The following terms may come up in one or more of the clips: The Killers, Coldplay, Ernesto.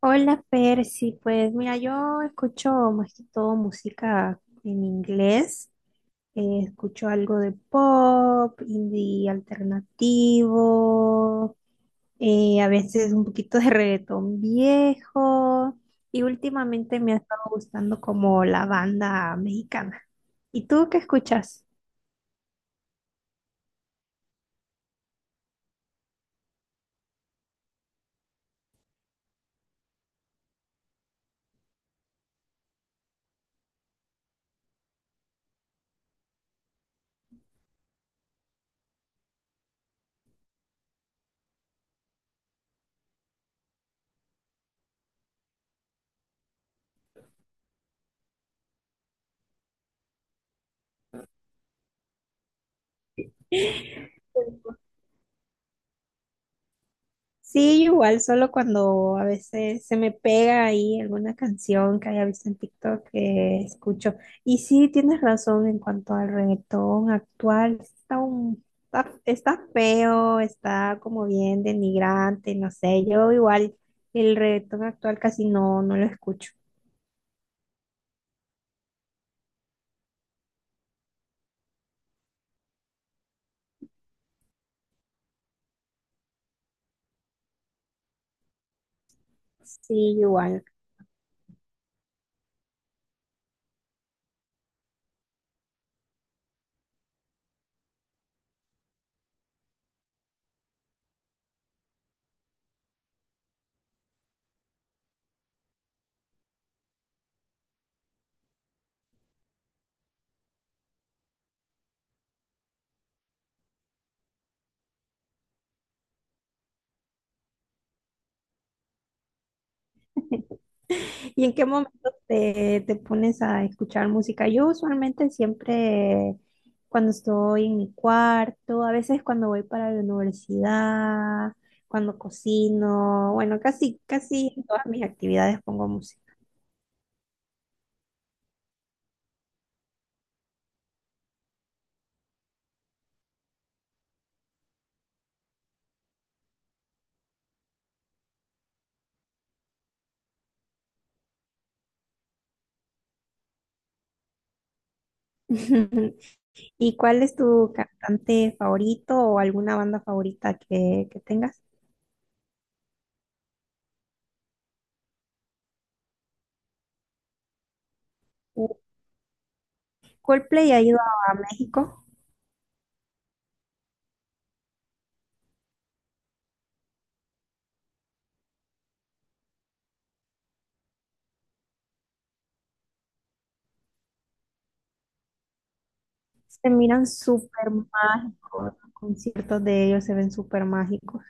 Hola Percy, pues mira, yo escucho más que todo música en inglés. Escucho algo de pop, indie alternativo, a veces un poquito de reggaetón viejo y últimamente me ha estado gustando como la banda mexicana. ¿Y tú qué escuchas? Sí, igual, solo cuando a veces se me pega ahí alguna canción que haya visto en TikTok que escucho. Y sí, tienes razón en cuanto al reggaetón actual. Está feo, está como bien denigrante, no sé. Yo igual el reggaetón actual casi no, no lo escucho. Sí, igual. ¿Y en qué momento te, te pones a escuchar música? Yo usualmente siempre cuando estoy en mi cuarto, a veces cuando voy para la universidad, cuando cocino, bueno, casi en todas mis actividades pongo música. ¿Y cuál es tu cantante favorito o alguna banda favorita que tengas? Uh, Coldplay ha ido a México. Se miran súper mágicos. Los conciertos de ellos se ven súper mágicos.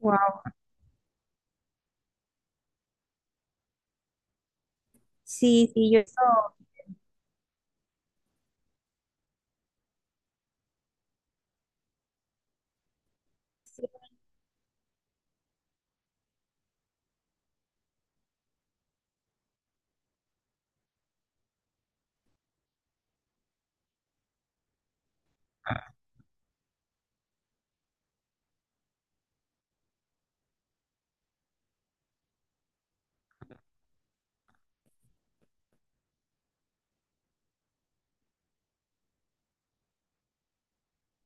Wow. Sí, sí, yo eso-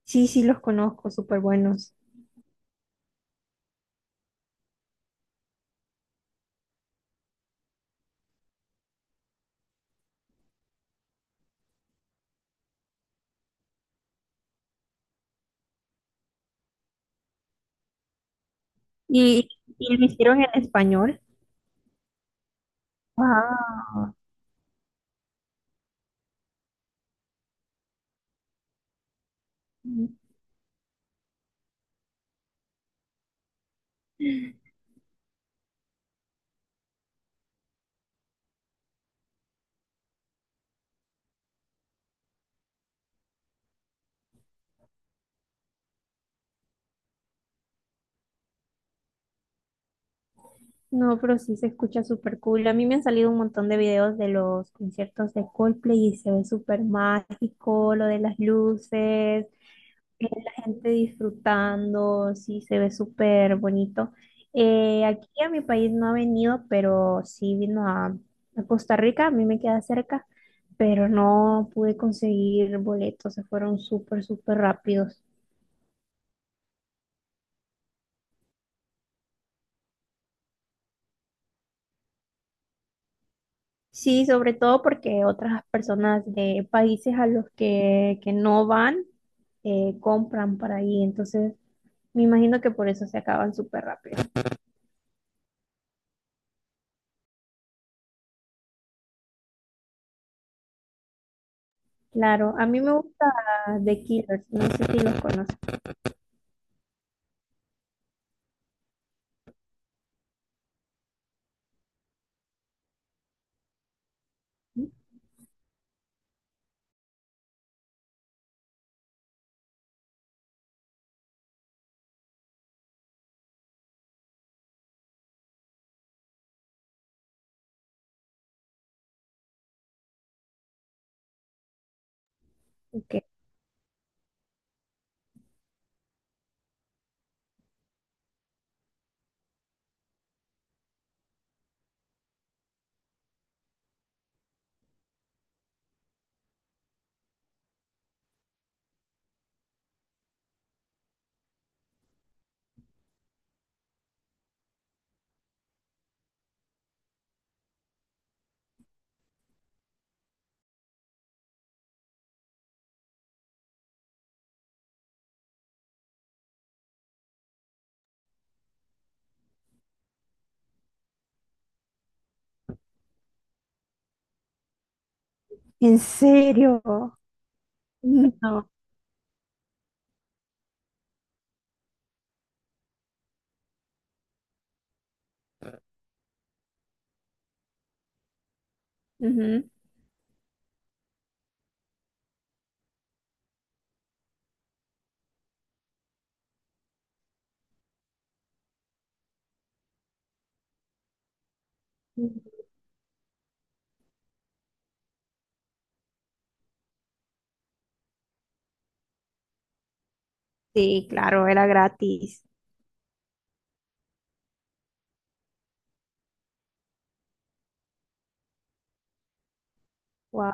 sí, sí los conozco, súper buenos. Y, y lo hicieron en español. Wow. No, pero sí se escucha súper cool. A mí me han salido un montón de videos de los conciertos de Coldplay y se ve súper mágico, lo de las luces, la gente disfrutando, sí se ve súper bonito. Aquí a mi país no ha venido, pero sí vino a Costa Rica, a mí me queda cerca, pero no pude conseguir boletos, se fueron súper, súper rápidos. Sí, sobre todo porque otras personas de países que no van compran para ahí, entonces me imagino que por eso se acaban súper rápido. Claro, a mí me gusta The Killers, no sé si los conoces. Ok. ¿En serio? No. Ujú. Sí, claro, era gratis. Guau.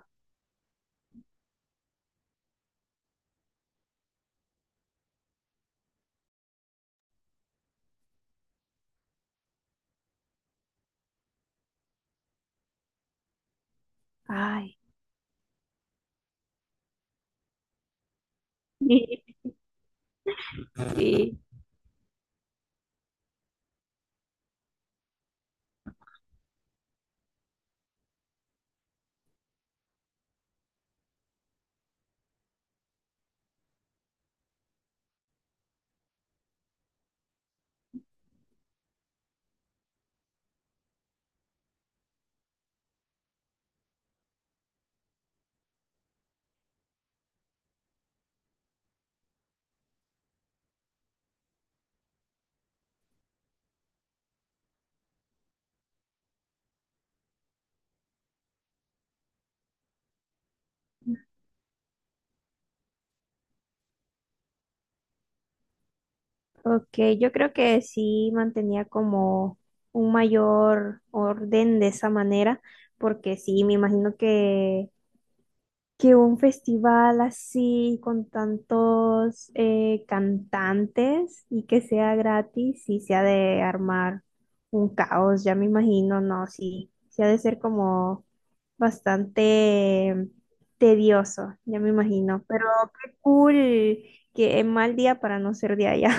Ay, sí. Ok, yo creo que sí mantenía como un mayor orden de esa manera, porque sí, me imagino que un festival así con tantos cantantes y que sea gratis, sí se ha de armar un caos, ya me imagino, no, sí, sí ha de ser como bastante tedioso, ya me imagino, pero qué cool, qué mal día para no ser de allá.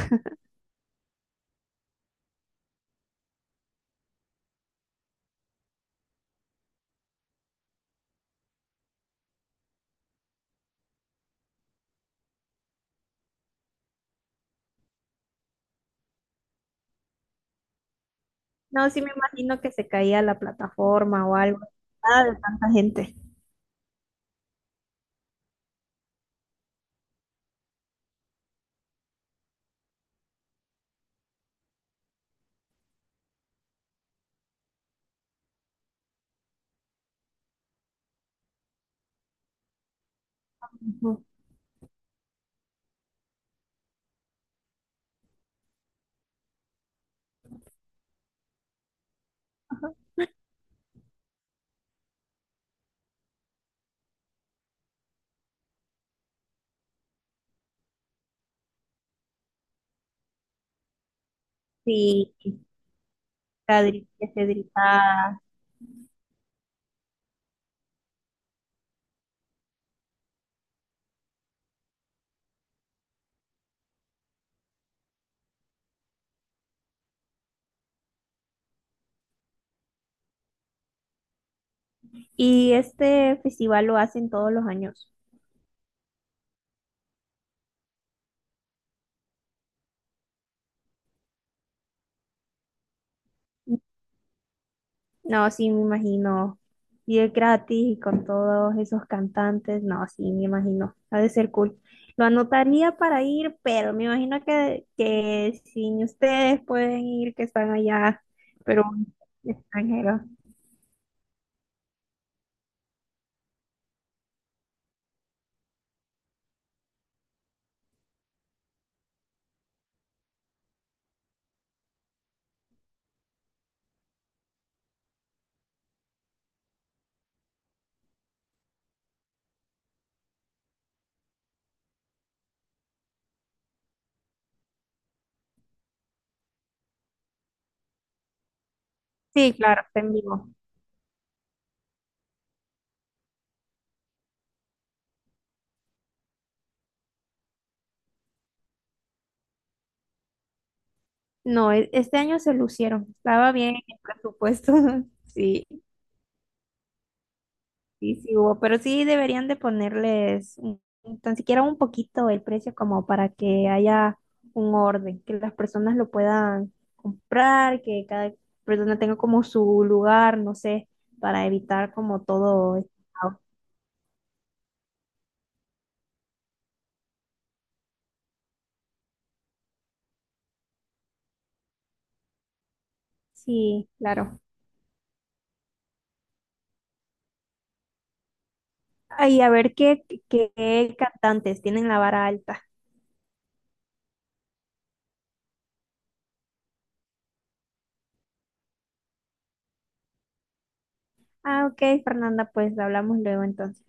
No, sí me imagino que se caía la plataforma o algo. Nada de tanta gente. Ujú. Sí, está gri- que se gritaba. ¿Y este festival lo hacen todos los años? No, sí me imagino. Y es gratis y con todos esos cantantes. No, sí me imagino. Ha de ser cool. Lo anotaría para ir, pero me imagino que sin ustedes pueden ir, que están allá, pero extranjeros. Sí, claro, está en vivo. No, e- este año se lucieron, estaba bien el presupuesto, sí, sí, sí hubo, pero sí deberían de ponerles tan siquiera un poquito el precio como para que haya un orden, que las personas lo puedan comprar, que cada persona tenga como su lugar, no sé, para evitar como todo este caos. Sí, claro. Ay, a ver qué, qué cantantes tienen la vara alta. Ah, ok, Fernanda, pues hablamos luego entonces.